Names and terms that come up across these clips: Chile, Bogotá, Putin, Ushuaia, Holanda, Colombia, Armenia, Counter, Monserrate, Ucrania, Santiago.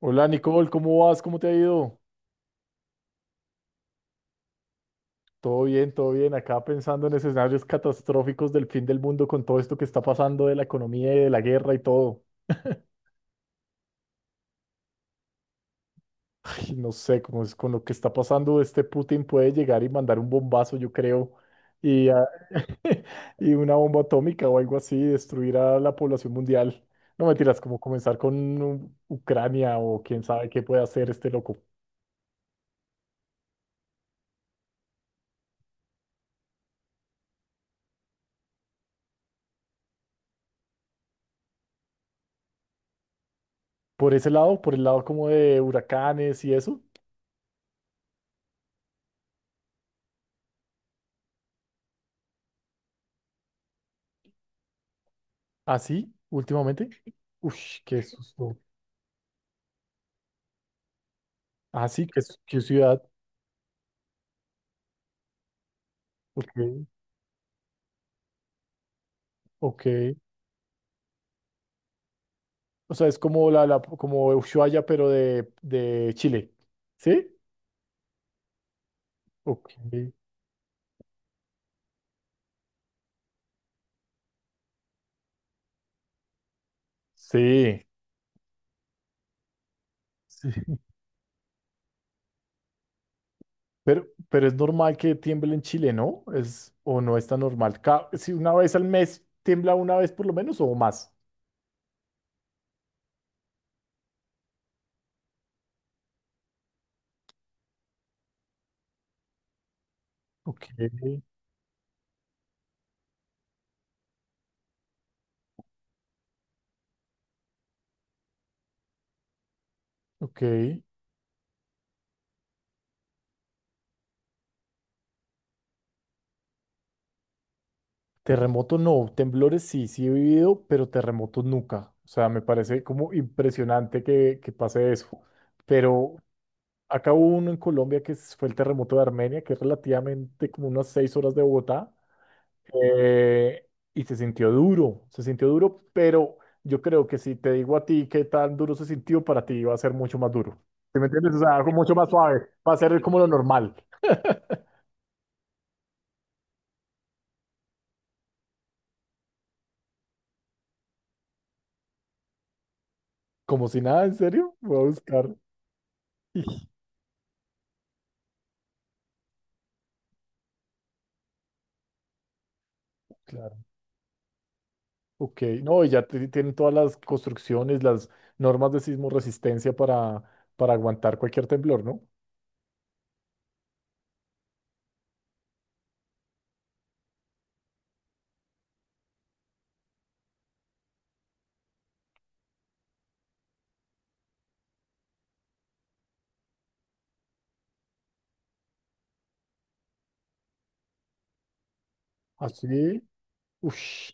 Hola Nicole, ¿cómo vas? ¿Cómo te ha ido? Todo bien, todo bien. Acá pensando en escenarios catastróficos del fin del mundo con todo esto que está pasando de la economía y de la guerra y todo. Ay, no sé, cómo es con lo que está pasando, este Putin puede llegar y mandar un bombazo, yo creo, y, ah, y una bomba atómica o algo así, destruir a la población mundial. No mentiras, como comenzar con Ucrania o quién sabe qué puede hacer este loco. Por ese lado, por el lado como de huracanes y eso. ¿Así? ¿Últimamente? Uy, qué susto. ¿Así? ¿Qué ciudad? Ok, ok. O sea, es como la como Ushuaia, pero de Chile. ¿Sí? Ok. Sí. Sí. Pero es normal que tiemble en Chile, ¿no? Es, o no es tan normal. Si una vez al mes tiembla una vez por lo menos o más. Ok, ok. Terremoto no, temblores sí, sí he vivido, pero terremotos nunca. O sea, me parece como impresionante que pase eso. Pero acá hubo uno en Colombia que fue el terremoto de Armenia, que es relativamente como unas seis horas de Bogotá. eh, y se sintió duro, pero yo creo que si te digo a ti qué tan duro se sintió, para ti va a ser mucho más duro. ¿Sí me entiendes? O sea, algo mucho más suave. Va a ser como lo normal. Como si nada, ¿en serio? Voy a buscar. Claro. Ok, no, y ya tienen todas las construcciones, las normas de sismo resistencia para aguantar cualquier temblor, ¿no? Así, uff,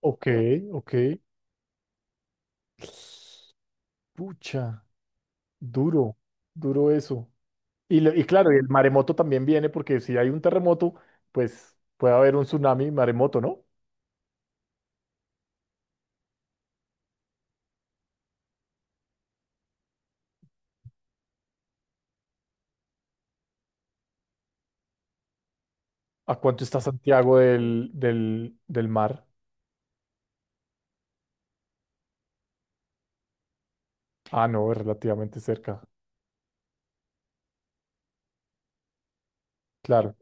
ok, ok. Pucha, duro, duro eso. Y, y claro, y el maremoto también viene porque si hay un terremoto, pues puede haber un tsunami, maremoto, ¿no? ¿A cuánto está Santiago del mar? Ah, no, es relativamente cerca, claro.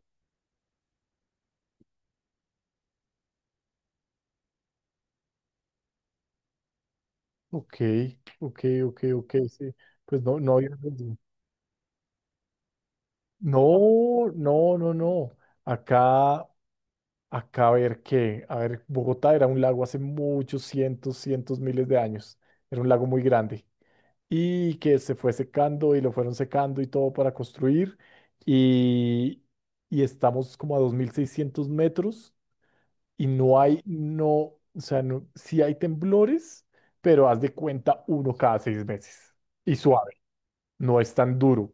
Ok, ok, ok, ok, sí. Pues no, no había pensado. No, no, no, no. Acá, acá a ver qué. A ver, Bogotá era un lago hace muchos cientos, cientos, miles de años. Era un lago muy grande. Y que se fue secando y lo fueron secando y todo para construir. Y, y estamos como a 2.600 metros y no hay, no, o sea, no, sí hay temblores, pero haz de cuenta uno cada 6 meses. Y su no es tan duro.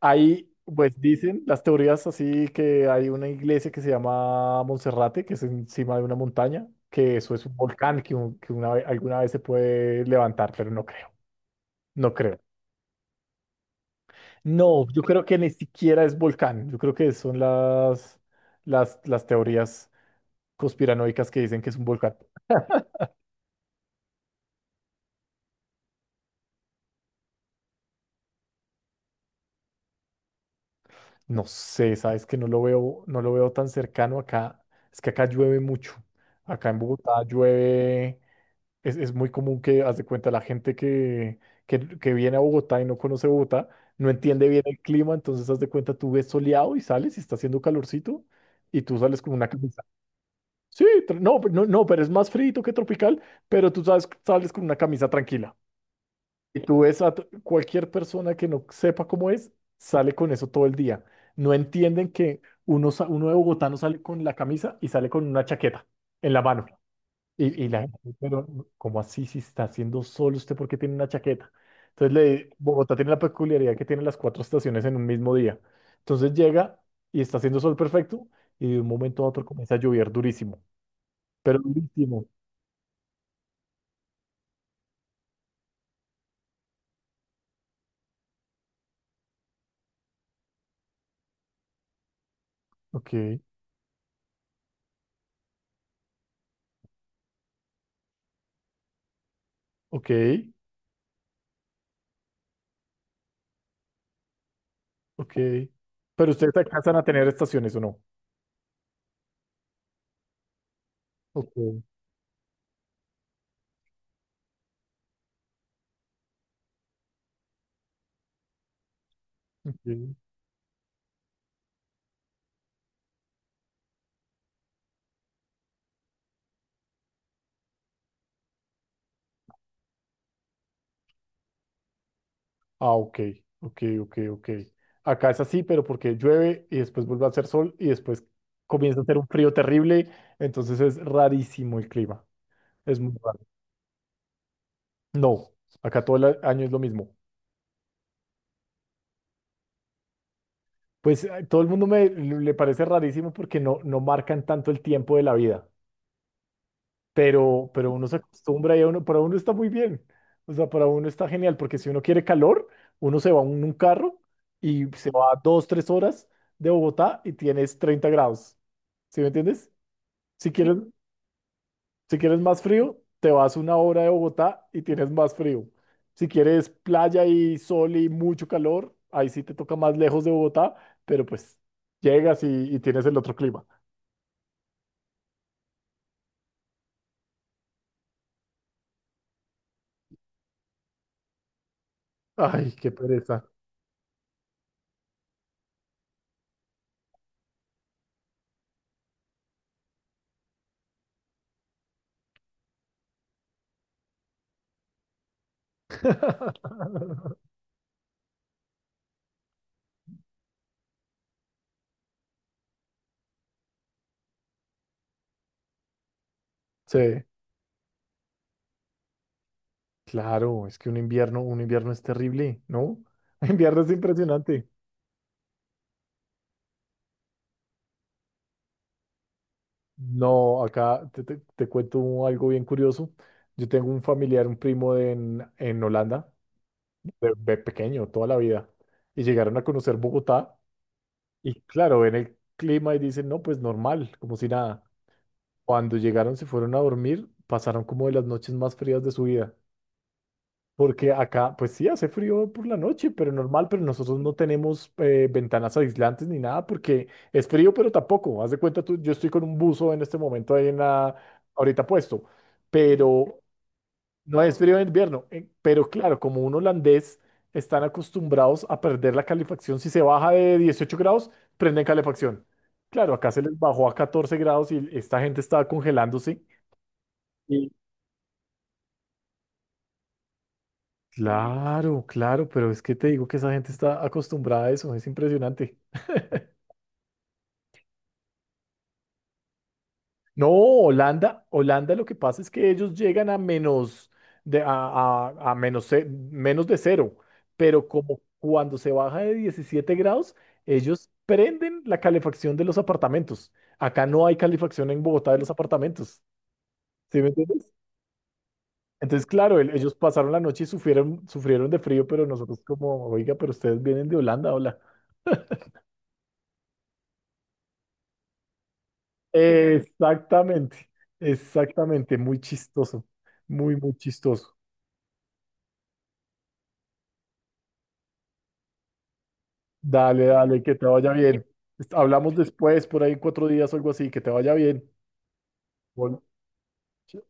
Ahí, pues dicen las teorías así que hay una iglesia que se llama Monserrate, que es encima de una montaña, que eso es un volcán que alguna vez se puede levantar, pero no creo, no creo. No, yo creo que ni siquiera es volcán, yo creo que son las teorías conspiranoicas que dicen que es un volcán. No sé, sabes que no lo veo, no lo veo tan cercano acá, es que acá llueve mucho. Acá en Bogotá llueve. Es muy común que, haz de cuenta, la gente que viene a Bogotá y no conoce Bogotá, no entiende bien el clima, entonces haz de cuenta, tú ves soleado y sales y está haciendo calorcito y tú sales con una camisa. Sí, no, no, pero es más frío que tropical, pero tú sales, sales con una camisa tranquila. Y tú ves a cualquier persona que no sepa cómo es, sale con eso todo el día. No entienden que uno, uno de Bogotá no sale con la camisa y sale con una chaqueta en la mano. Y la gente, pero como así si está haciendo sol usted porque tiene una chaqueta. Entonces Bogotá tiene la peculiaridad que tiene las cuatro estaciones en un mismo día. Entonces llega y está haciendo sol perfecto y de un momento a otro comienza a llover durísimo, pero durísimo. Ok, ok, ok. Pero ustedes alcanzan a tener estaciones o no. Ok, ok. Ah, ok, ok, ok, ok. Acá es así, pero porque llueve y después vuelve a hacer sol y después comienza a hacer un frío terrible, entonces es rarísimo el clima. Es muy raro. No, acá todo el año es lo mismo. Pues todo el mundo me le parece rarísimo porque no, no marcan tanto el tiempo de la vida, pero uno se acostumbra y a uno, para uno está muy bien. O sea, para uno está genial porque si uno quiere calor, uno se va en un carro y se va dos, tres horas de Bogotá y tienes 30 grados. ¿Sí me entiendes? Si Sí. quieres, si quieres más frío, te vas una hora de Bogotá y tienes más frío. Si quieres playa y sol y mucho calor, ahí sí te toca más lejos de Bogotá, pero pues llegas y tienes el otro clima. Ay, qué pereza. Sí, claro, es que un invierno es terrible, ¿no? Un invierno es impresionante. No, acá te cuento algo bien curioso. Yo tengo un familiar, un primo en Holanda de pequeño, toda la vida. Y llegaron a conocer Bogotá y claro, ven el clima y dicen, no, pues normal, como si nada. Cuando llegaron, se fueron a dormir, pasaron como de las noches más frías de su vida. Porque acá, pues sí, hace frío por la noche, pero normal, pero nosotros no tenemos ventanas aislantes ni nada porque es frío, pero tampoco. Haz de cuenta tú, yo estoy con un buzo en este momento ahí en la, ahorita puesto, pero no es frío en invierno, pero claro, como un holandés están acostumbrados a perder la calefacción. Si se baja de 18 grados, prenden calefacción. Claro, acá se les bajó a 14 grados y esta gente estaba congelándose. Y- Claro, claro, pero es que te digo que esa gente está acostumbrada a eso, es impresionante. No, Holanda, Holanda lo que pasa es que ellos llegan a menos a menos, menos de cero, pero como cuando se baja de 17 grados, ellos prenden la calefacción de los apartamentos. Acá no hay calefacción en Bogotá de los apartamentos, ¿sí me entiendes? Entonces, claro, ellos pasaron la noche y sufrieron, sufrieron de frío, pero nosotros como, oiga, pero ustedes vienen de Holanda, hola. Exactamente, exactamente, muy chistoso, muy, muy chistoso. Dale, dale, que te vaya bien. Hablamos después, por ahí en 4 días o algo así, que te vaya bien. Bueno,